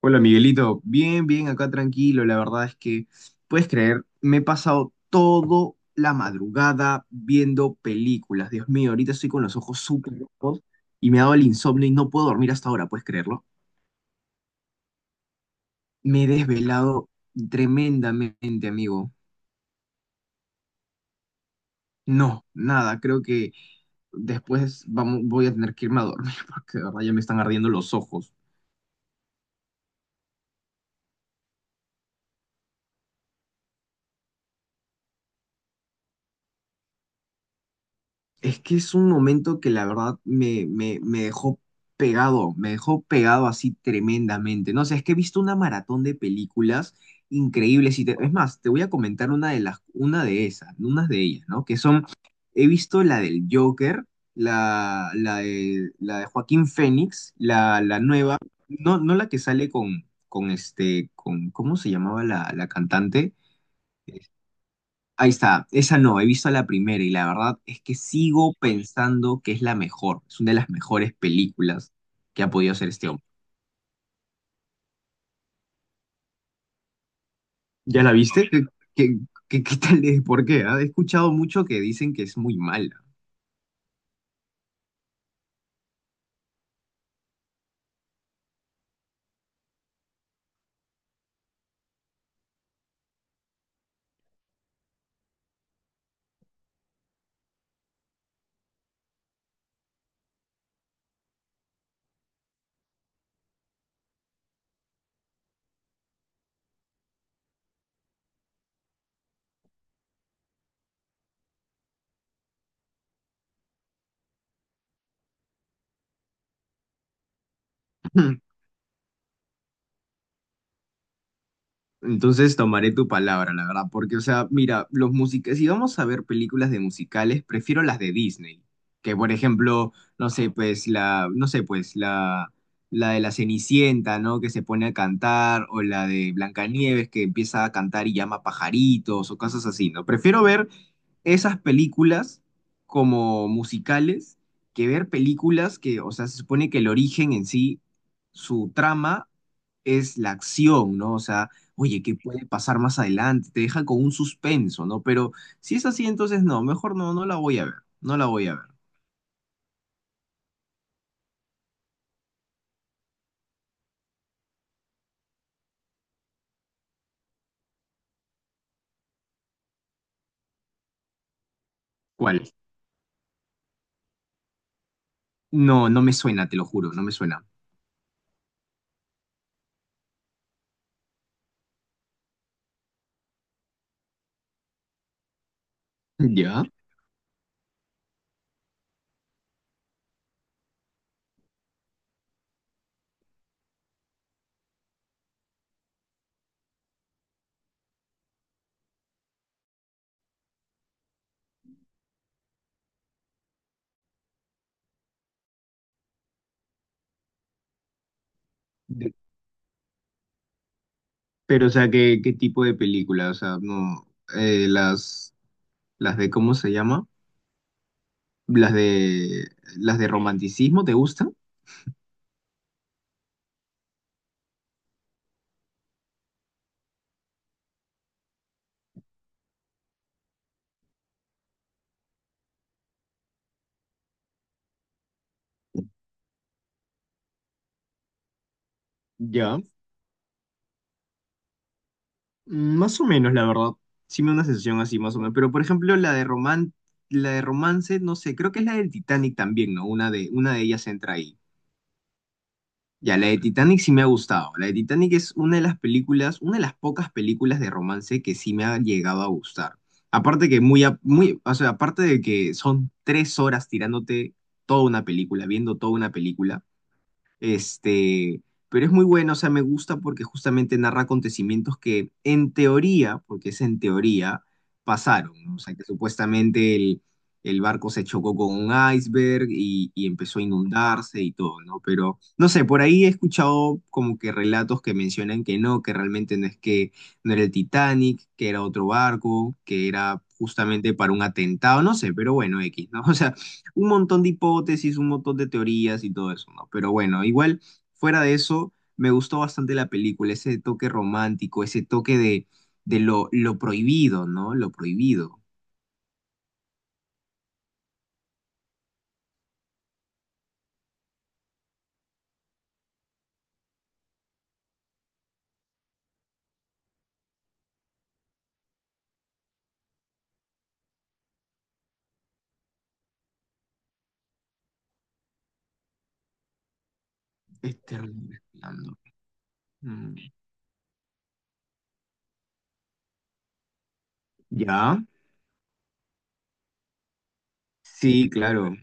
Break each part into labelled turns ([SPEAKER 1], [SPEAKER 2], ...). [SPEAKER 1] Hola Miguelito, bien, bien, acá tranquilo. La verdad es que, ¿puedes creer?, me he pasado toda la madrugada viendo películas. Dios mío, ahorita estoy con los ojos súper rojos y me ha dado el insomnio y no puedo dormir hasta ahora. ¿Puedes creerlo? Me he desvelado tremendamente, amigo. No, nada. Creo que después vamos, voy a tener que irme a dormir porque de verdad ya me están ardiendo los ojos. Es que es un momento que la verdad me dejó pegado, me dejó pegado así tremendamente. No sé, es que he visto una maratón de películas increíbles y es más, te voy a comentar unas de ellas, ¿no? Que son, he visto la del Joker, la de Joaquín Phoenix, la nueva. No, no la que sale con este, con, ¿cómo se llamaba la cantante? Ahí está, esa no. He visto la primera y la verdad es que sigo pensando que es la mejor, es una de las mejores películas que ha podido hacer este hombre. ¿Ya la viste? Qué, qué qué- tal es? ¿Por qué? Ah? He escuchado mucho que dicen que es muy mala. Entonces tomaré tu palabra, la verdad, porque, o sea, mira, los músicos, si vamos a ver películas de musicales, prefiero las de Disney, que por ejemplo, no sé, no sé, la de la Cenicienta, ¿no? Que se pone a cantar, o la de Blancanieves que empieza a cantar y llama pajaritos, o cosas así, ¿no? Prefiero ver esas películas como musicales que ver películas que, o sea, se supone que el origen en sí, su trama es la acción, ¿no? O sea oye, ¿qué puede pasar más adelante? Te deja con un suspenso, ¿no? Pero si es así, entonces no, mejor no, no la voy a ver, no la voy a ver. ¿Cuál? No, no me suena, te lo juro, no me suena. ¿Ya? De- Pero, o sea, ¿qué tipo de película? O sea, no, eh, las, ¿cómo se llama? Las de, las de romanticismo, ¿te gustan? Ya, más o menos, la verdad. Sí me da una sensación así, más o menos. Pero, por ejemplo, la de romance, no sé, creo que es la del Titanic también, ¿no? Una de ellas entra ahí. Ya, la de Titanic sí me ha gustado. La de Titanic es una de las películas, una de las pocas películas de romance que sí me ha llegado a gustar. Aparte que muy, o sea, aparte de que son 3 horas tirándote toda una película, viendo toda una película, este, pero es muy bueno. O sea, me gusta porque justamente narra acontecimientos que en teoría, porque es en teoría, pasaron, ¿no? O sea, que supuestamente el barco se chocó con un iceberg y empezó a inundarse y todo, ¿no? Pero, no sé, por ahí he escuchado como que relatos que mencionan que no, que realmente no es que no era el Titanic, que era otro barco, que era justamente para un atentado, no sé, pero bueno, X, ¿no? O sea, un montón de hipótesis, un montón de teorías y todo eso, ¿no? Pero bueno, igual, fuera de eso, me gustó bastante la película, ese toque romántico, ese toque de lo prohibido, ¿no? Lo prohibido. Este respirando. Mm. ¿Ya? Sí, claro.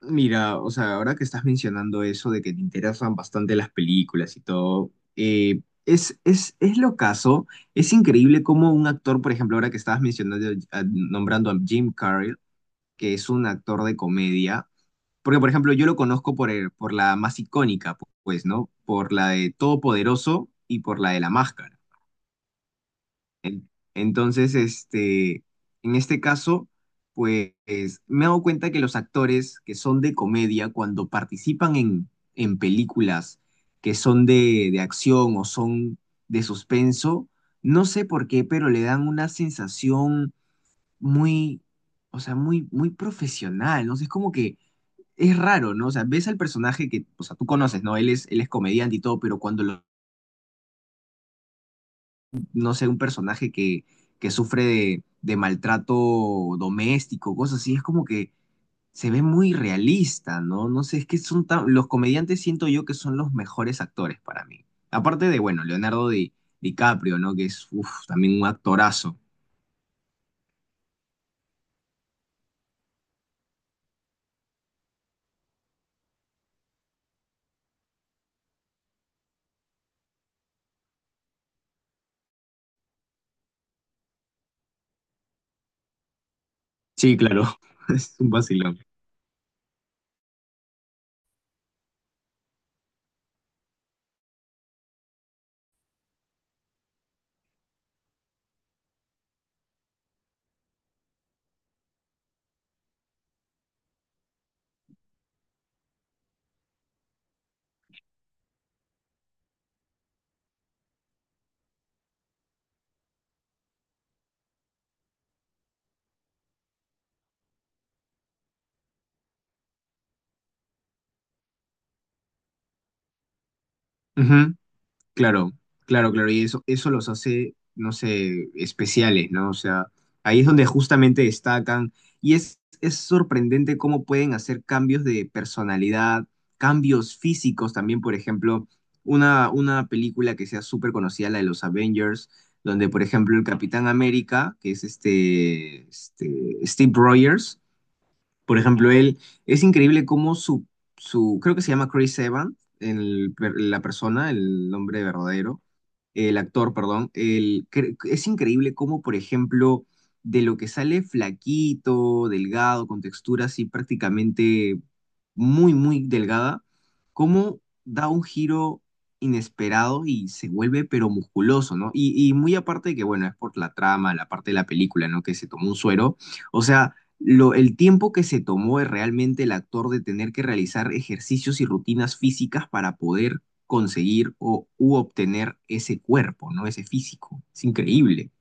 [SPEAKER 1] Mira, o sea, ahora que estás mencionando eso de que te interesan bastante las películas y todo, es lo caso, es increíble cómo un actor, por ejemplo, ahora que estabas mencionando, nombrando a Jim Carrey, que es un actor de comedia. Porque, por ejemplo, yo lo conozco por, por la más icónica, pues, ¿no? Por la de Todopoderoso y por la de La Máscara. Entonces, este, en este caso, pues, me he dado cuenta que los actores que son de comedia, cuando participan en películas que son de acción o son de suspenso, no sé por qué, pero le dan una sensación muy, o sea, muy, muy profesional, ¿no? Sé, es como que es raro, ¿no? O sea, ves al personaje que, o sea, tú conoces, ¿no? Él es comediante y todo, pero cuando, no sé, un personaje que sufre de maltrato doméstico, cosas así, es como que se ve muy realista, ¿no? No sé, es que son tan, los comediantes siento yo que son los mejores actores para mí. Aparte de, bueno, Leonardo DiCaprio, ¿no? Que es, uf, también un actorazo. Sí, claro, es un vacilón. Claro, claro, claro, y eso, los hace, no sé, especiales, ¿no? O sea, ahí es donde justamente destacan y es sorprendente cómo pueden hacer cambios de personalidad, cambios físicos también, por ejemplo, una película que sea súper conocida, la de los Avengers, donde, por ejemplo, el Capitán América, que es este Steve Rogers, por ejemplo, él es increíble cómo su, su creo que se llama Chris Evans, la persona, el nombre verdadero, el actor, perdón, es increíble cómo, por ejemplo, de lo que sale flaquito, delgado, con textura así prácticamente muy, muy delgada, cómo da un giro inesperado y se vuelve pero musculoso, ¿no? Muy aparte de que, bueno, es por la trama, la parte de la película, ¿no? Que se tomó un suero. O sea, el tiempo que se tomó es realmente el actor de tener que realizar ejercicios y rutinas físicas para poder conseguir o u obtener ese cuerpo, ¿no? Ese físico. Es increíble.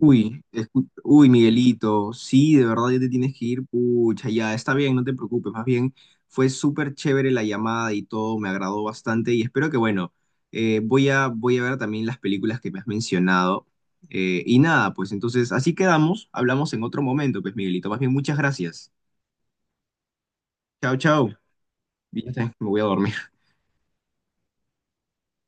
[SPEAKER 1] Uy, uy, Miguelito, sí, de verdad ya te tienes que ir, pucha, ya está bien, no te preocupes, más bien fue súper chévere la llamada y todo, me agradó bastante y espero que, bueno, voy a ver también las películas que me has mencionado y nada, pues entonces así quedamos, hablamos en otro momento, pues Miguelito, más bien muchas gracias. Chao, chao. Bien, me voy a dormir.